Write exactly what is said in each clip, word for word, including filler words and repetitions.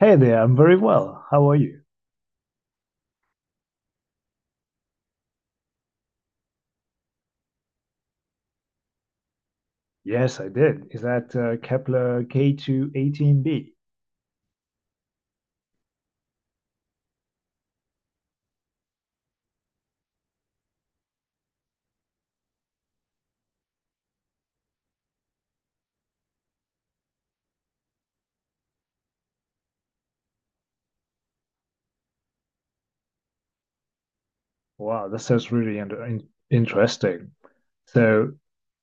Hey there, I'm very well. How are you? Yes, I did. Is that uh, Kepler K218b? Wow, that sounds really under in interesting. So,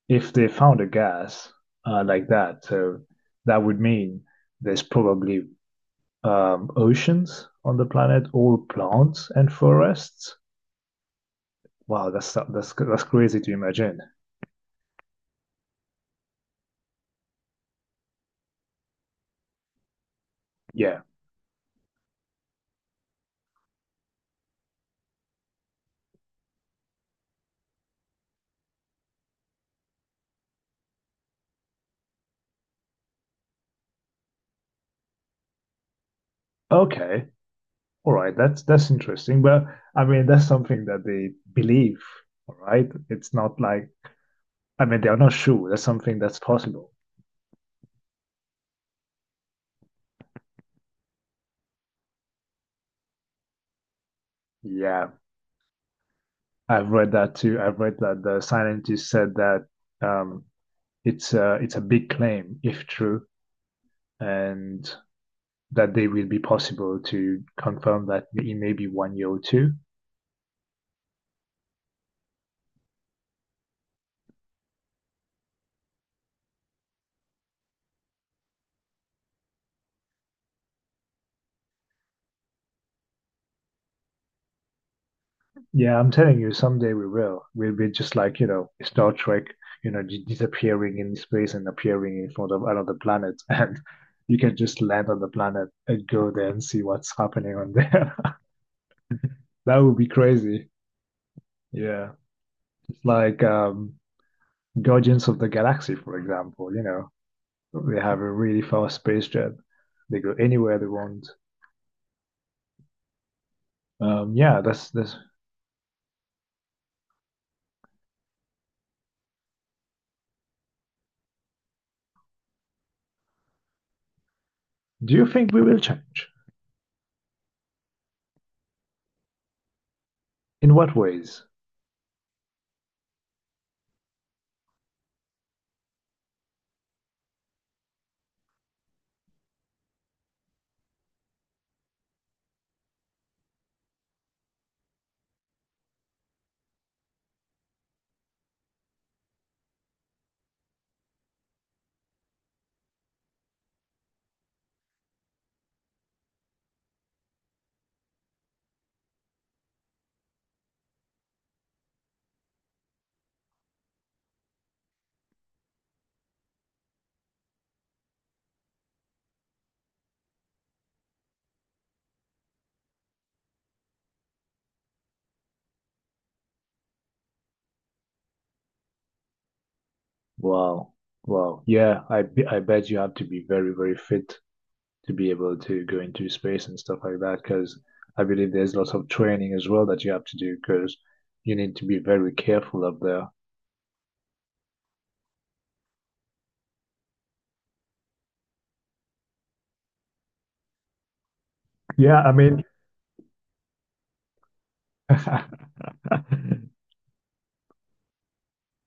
if they found a gas uh, like that, so that would mean there's probably um, oceans on the planet, all plants and forests. Wow, that's that's that's crazy to imagine. Yeah. Okay. All right. That's that's interesting. But I mean, that's something that they believe. All right. It's not like I mean, they are not sure. That's something that's possible. Yeah, I've read that too. I've read that the scientist said that um, it's a, it's a big claim if true, and that they will be possible to confirm that in maybe one year or two. Yeah, I'm telling you, someday we will. We'll be just like, you know, Star Trek, you know, d- disappearing in space and appearing in front of another planet. And you can just land on the planet and go there and see what's happening on there. That would be crazy. Yeah. It's like um, Guardians of the Galaxy, for example, you know, they have a really fast space jet. They go anywhere they want. Um, yeah, that's that's. Do you think we will change? In what ways? Wow. Wow. Yeah, I b- I bet you have to be very, very fit to be able to go into space and stuff like that, because I believe there's lots of training as well that you have to do, because you need to be very careful up there. Yeah, I mean,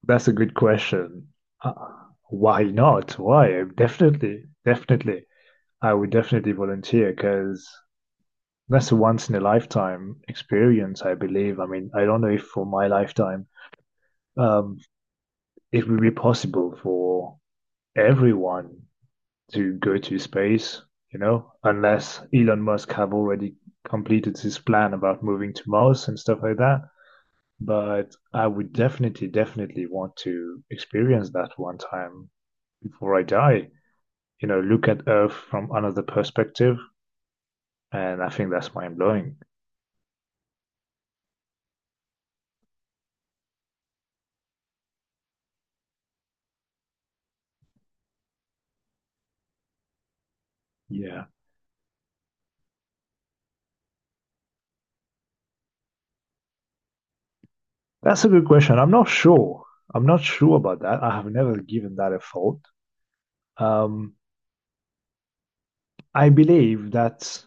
that's a good question. Uh, why not? Why? Definitely, definitely. I would definitely volunteer because that's a once in a lifetime experience, I believe. I mean, I don't know if for my lifetime. Um, it will be possible for everyone to go to space, you know, unless Elon Musk have already completed his plan about moving to Mars and stuff like that. But I would definitely, definitely want to experience that one time before I die. You know, look at Earth from another perspective, and I think that's mind blowing. Yeah, that's a good question. I'm not sure. I'm not sure about that. I have never given that a thought. Um, I believe that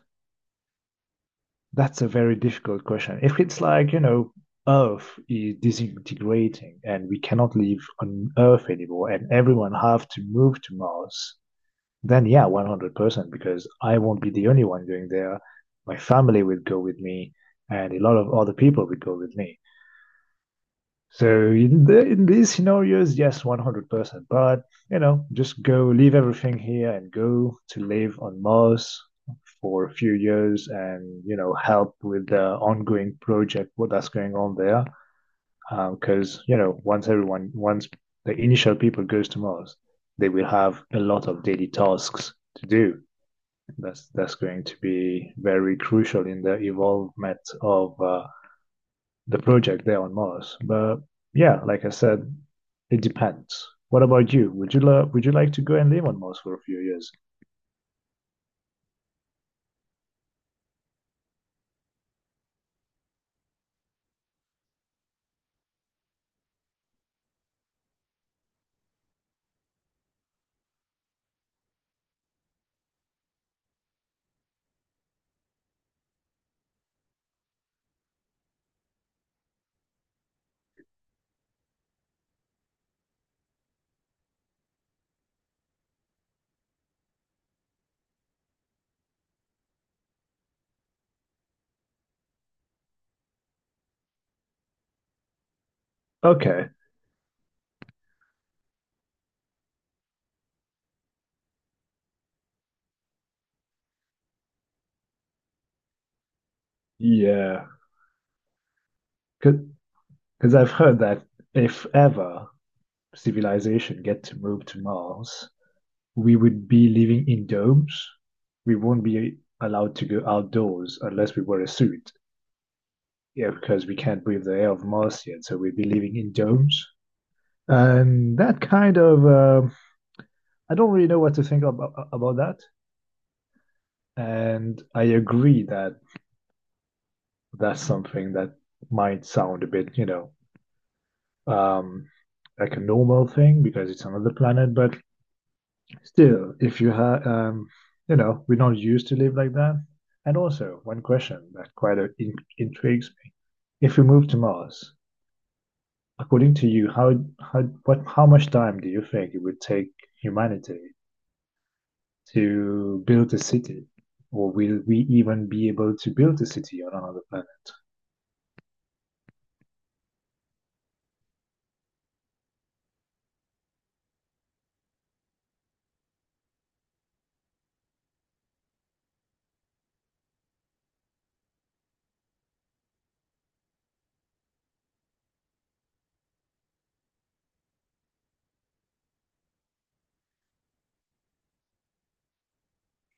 That's a very difficult question. If it's like, you know, Earth is disintegrating and we cannot live on Earth anymore and everyone have to move to Mars, then yeah, one hundred percent because I won't be the only one going there. My family will go with me and a lot of other people will go with me. So in, the, in these scenarios, yes, one hundred percent. But, you know, just go leave everything here and go to live on Mars for a few years and you know help with the ongoing project what that's going on there because um, you know once everyone once the initial people goes to Mars, they will have a lot of daily tasks to do. That's that's going to be very crucial in the evolvement of uh, the project there on Mars. But yeah, like I said, it depends. What about you? Would you lo- would you like to go and live on Mars for a few years? Okay. Yeah, because Because I've heard that if ever civilization get to move to Mars, we would be living in domes. We won't be allowed to go outdoors unless we wear a suit. Yeah, because we can't breathe the air of Mars yet, so we'd be living in domes. And that kind of, um I don't really know what to think about, about that. And I agree that that's something that might sound a bit, you know, um, like a normal thing because it's another planet, but still, if you have, um, you know, we're not used to live like that. And also, one question that quite uh, in- intrigues me: if we move to Mars, according to you, how how what how much time do you think it would take humanity to build a city, or will we even be able to build a city on another planet?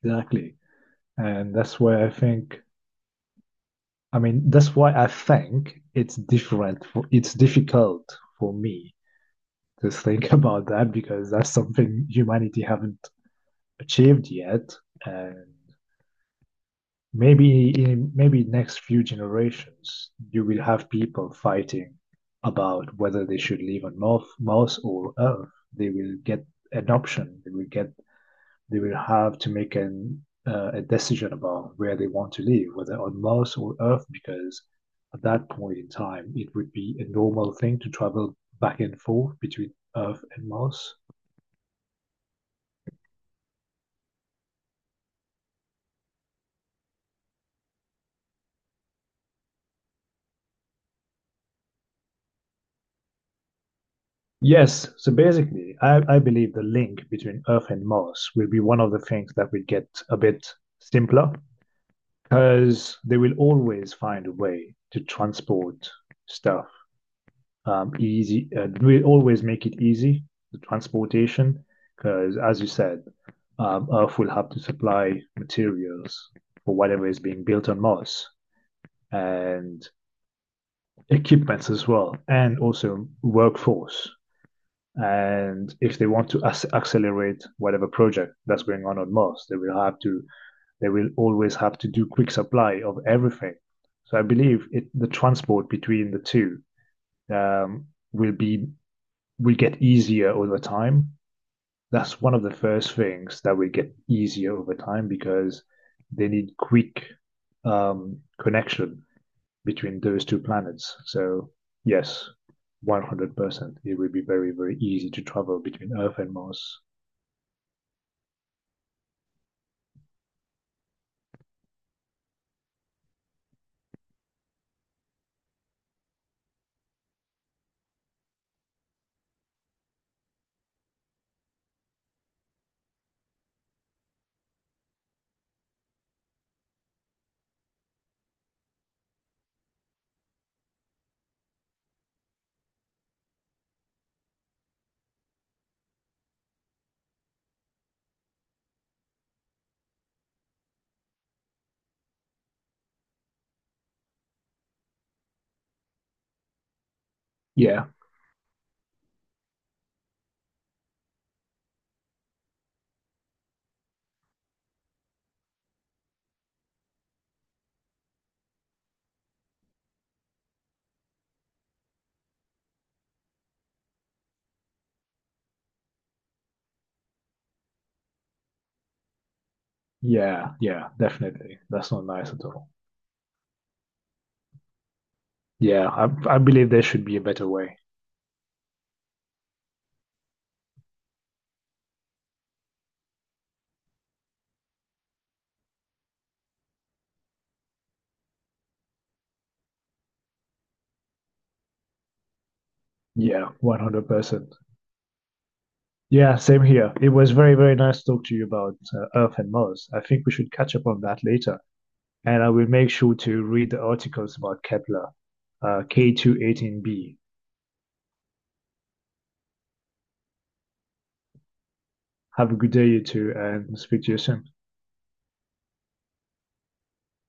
Exactly, and that's why I think. I mean, that's why I think it's different. For, It's difficult for me just think about that because that's something humanity haven't achieved yet, and maybe in maybe next few generations you will have people fighting about whether they should live on North, Mars or Earth. They will get an option. They will get. They will have to make an uh, a decision about where they want to live, whether on Mars or Earth, because at that point in time it would be a normal thing to travel back and forth between Earth and Mars. Yes, so basically, I, I believe the link between Earth and Mars will be one of the things that will get a bit simpler because they will always find a way to transport stuff um, easy. Uh, we'll always make it easy, the transportation, because as you said, um, Earth will have to supply materials for whatever is being built on Mars, and equipments as well, and also workforce. And if they want to ac- accelerate whatever project that's going on on Mars, they will have to they will always have to do quick supply of everything. So I believe it, the transport between the two um, will be will get easier over time. That's one of the first things that will get easier over time because they need quick um, connection between those two planets. So yes, one hundred percent. It would be very, very easy to travel between Earth and Mars. Yeah, yeah, yeah, definitely. That's not nice at all. Yeah, I, I believe there should be a better way. Yeah, one hundred percent. Yeah, same here. It was very, very nice to talk to you about uh, Earth and Mars. I think we should catch up on that later. And I will make sure to read the articles about Kepler, uh, K two eighteen b. Have a good day, you two, and speak to you soon.